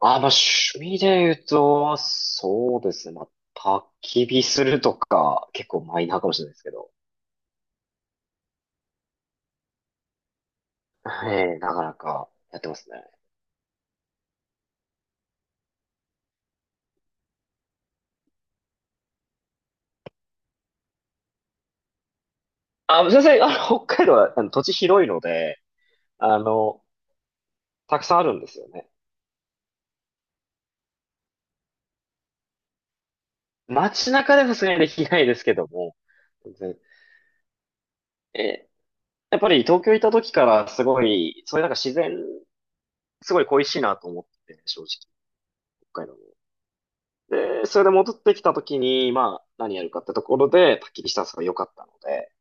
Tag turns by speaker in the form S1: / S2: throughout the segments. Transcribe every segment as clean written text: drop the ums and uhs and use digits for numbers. S1: あ、まあ、趣味で言うと、そうですね。まあ、焚き火するとか、結構マイナーかもしれないですけど。ええ、なかなかやってますね。あ、先生、北海道はあの土地広いので、あの、たくさんあるんですよね。街中ではさすがにできないですけども、全然えやっぱり東京いた時からすごい、そういうなんか自然、すごい恋しいなと思ってて、正直、北海道も。で、それで戻ってきた時に、まあ、何やるかってところで、焚き火したんが良かったので、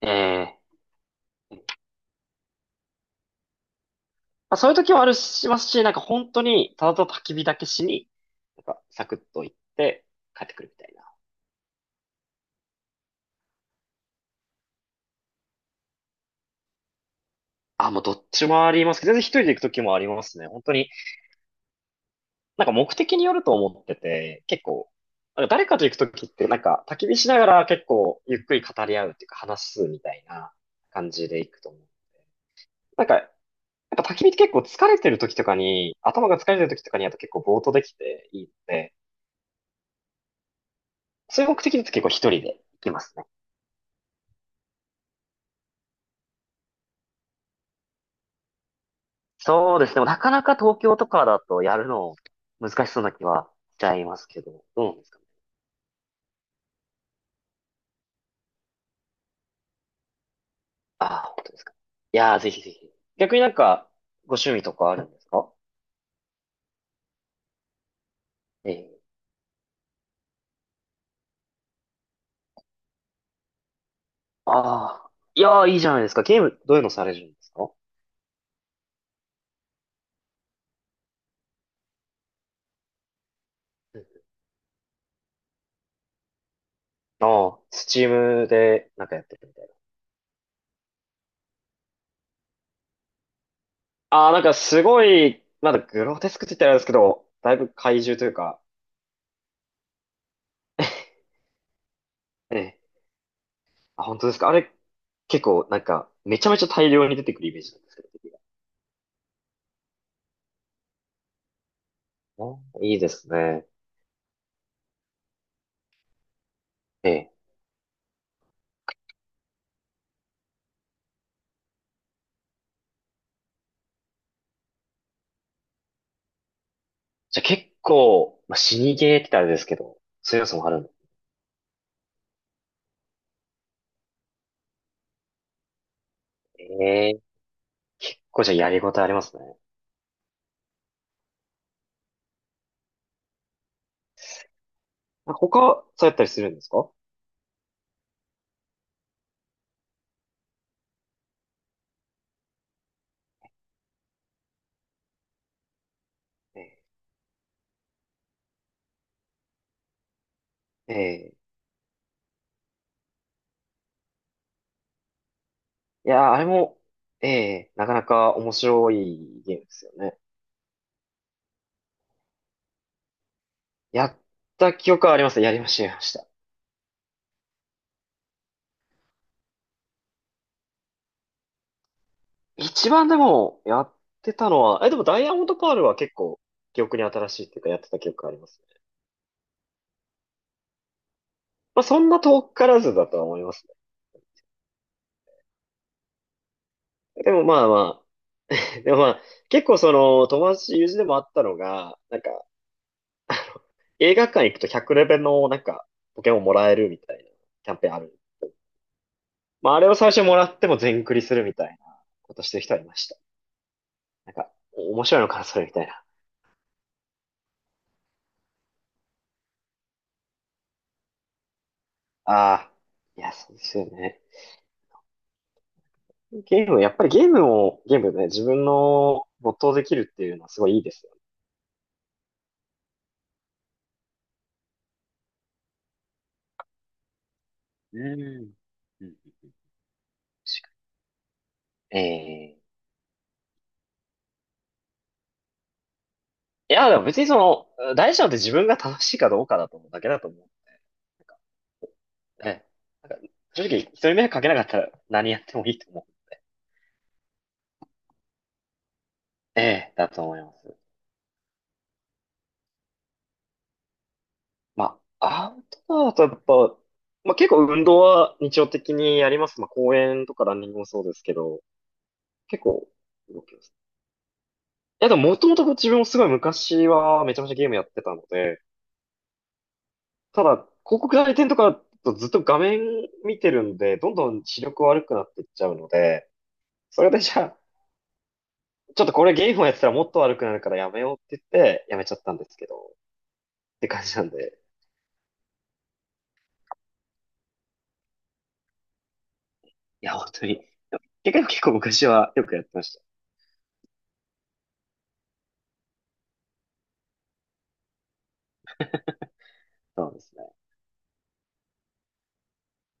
S1: ええ、まあ、そういう時もあるしますし、なんか本当に、ただただ焚き火だけしに、なんかサクッと行って帰ってくるみたいな。あ、もうどっちもありますけど、全然一人で行く時もありますね。本当に、なんか目的によると思ってて、結構、なんか誰かと行く時ってなんか焚き火しながら結構ゆっくり語り合うっていうか話すみたいな感じで行くと思う。なんか、やっぱ焚き火って結構疲れてる時とかに、頭が疲れてる時とかにやると結構ぼーっとできていいので、そういう目的だと結構一人で行きますね。そうですね。でもなかなか東京とかだとやるの難しそうな気はしちゃいますけど、どうなんですかね。ああ、本当ですか。いやー、ぜひぜひ。逆になんか、ご趣味とかあるんですか？ええ。ああ、いやー、いいじゃないですか。ゲーム、どういうのされるんですか？うん。ああ、スチームでなんかやってるみたいな。ああ、なんかすごい、まだグロテスクって言ったらあれですけど、だいぶ怪獣というか、ええ。あ、本当ですか。あれ、結構なんか、めちゃめちゃ大量に出てくるイメージなんですけど、敵が。あ、いいですね。ええ。じゃあ結構、まあ、死にゲーって言ったらあれですけど、そういう要素もあるんで。ええ。これじゃあやりごたえありますね。あ、他、そうやったりするんですか？ええ。ええ。いやー、あれも、ええ、なかなか面白いゲームですよね。やった記憶はあります。やりました、やりました。一番でも、やってたのは、でもダイヤモンドパールは結構、記憶に新しいっていうか、やってた記憶がありますね。まあ、そんな遠からずだとは思いますね。でもまあ、結構その友達、友人でもあったのが、なんか、映画館行くと100レベルのなんか、ポケモンもらえるみたいなキャンペーンある。まあ、あれを最初もらっても全クリするみたいなことしてる人はいました。なんか、面白いのかな、それみたいな。ああ、いや、そうですよね。ゲーム、やっぱりゲームを、ゲームね、自分の没頭できるっていうのはすごいいいですよね。うん。うん。ええー、いや、でも別にその、大事なのって自分が楽しいかどうかだと思うだけだと思う。なんかね、なんか正直、一人目かけなかったら何やってもいいと思う。ええ、だと思います。まあ、アウトドアだとやっぱ、まあ結構運動は日常的にやります。まあ公園とかランニングもそうですけど、結構動きます。いやでももともと自分もすごい昔はめちゃめちゃゲームやってたので、ただ広告代理店とかだとずっと画面見てるんで、どんどん視力悪くなっていっちゃうので、それでじゃあ、ちょっとこれゲームをやってたらもっと悪くなるからやめようって言ってやめちゃったんですけど、って感じなんで、いや本当に、結構結構昔はよくやってました。そうですね。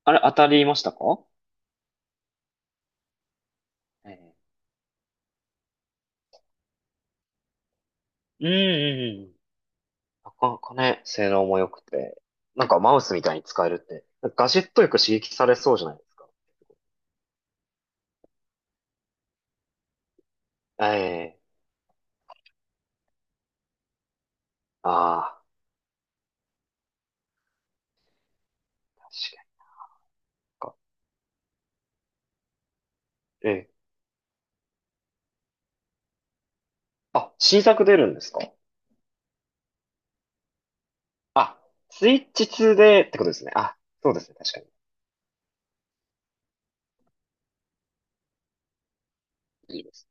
S1: あれ当たりましたか？ええ。うん。うん。うん。なかなかね、性能も良くて、なんかマウスみたいに使えるって、なんかガジェットよく刺激されそうじゃないですか。ええ。ああ、確かに。か。ええ。あ、新作出るんですか？あ、スイッチ2でってことですね。あ、そうですね、確かに。いいです。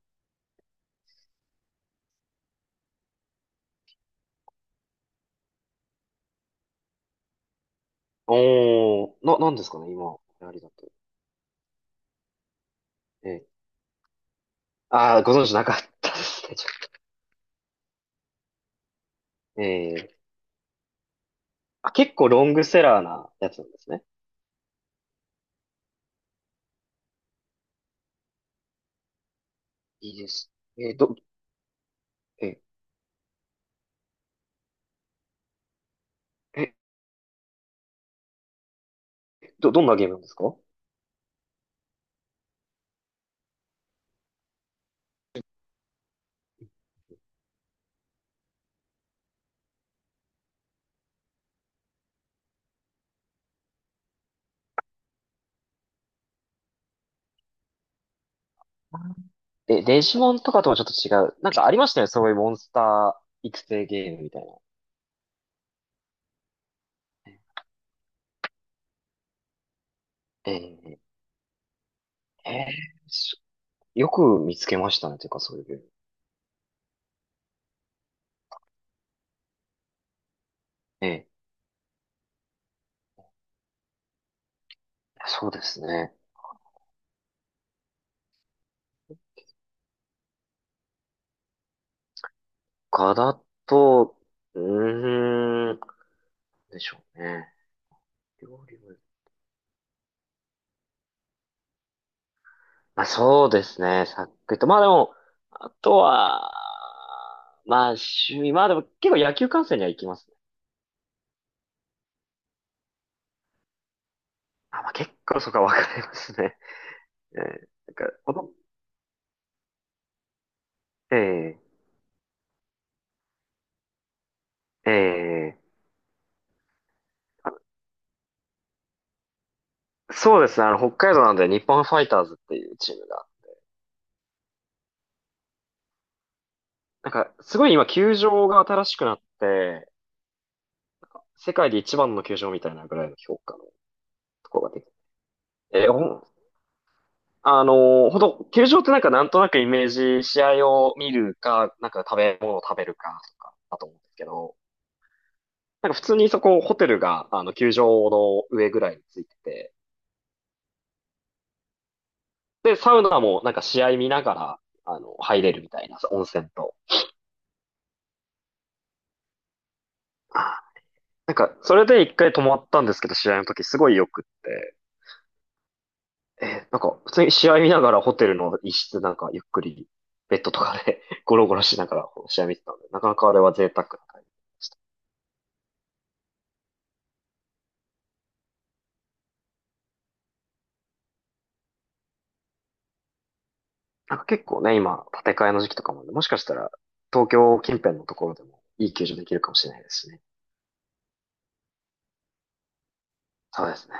S1: おー、なんですかね、今、ありがとう。ええ。ああ、ご存知なかったですね。ちょっと。ええ。あ、結構ロングセラーなやつなんですね。いいです。えど、ええど、どんなゲームなんですか？え、デジモンとかともちょっと違う。なんかありましたよね、そういうモンスター育成ゲームみたいな。ええ。ええ。しよく見つけましたね、ていうかそういうゲーム。ええ。そうですね。か、だと、うーん、でしょうね。料理も、まあそうですね、さっくりと。まあでも、あとは、まあ趣味、まあでも結構野球観戦には行きますね。あ、まあ結構そこは分かりますね。ええ。なんか、この、ええ、ええ、そうですね。あの、北海道なんで日本ファイターズっていうチームが。なんか、すごい今、球場が新しくなって、世界で一番の球場みたいなぐらいの評価のところができて。えーほん、あのーほんと、球場ってなんかなんとなくイメージ、試合を見るか、なんか食べ物を食べるかとかだと思うんですけど、なんか普通にそこ、ホテルが、球場の上ぐらいについてて、で、サウナもなんか試合見ながら、入れるみたいな、温泉と。なんか、それで一回泊まったんですけど、試合の時すごい良くって。なんか、普通に試合見ながらホテルの一室なんかゆっくり、ベッドとかで ゴロゴロしながら試合見てたので、なかなかあれは贅沢な感じでした。なんか結構ね、今、建て替えの時期とかもあるんで、もしかしたら東京近辺のところでもいい球場できるかもしれないですしね。そうですね。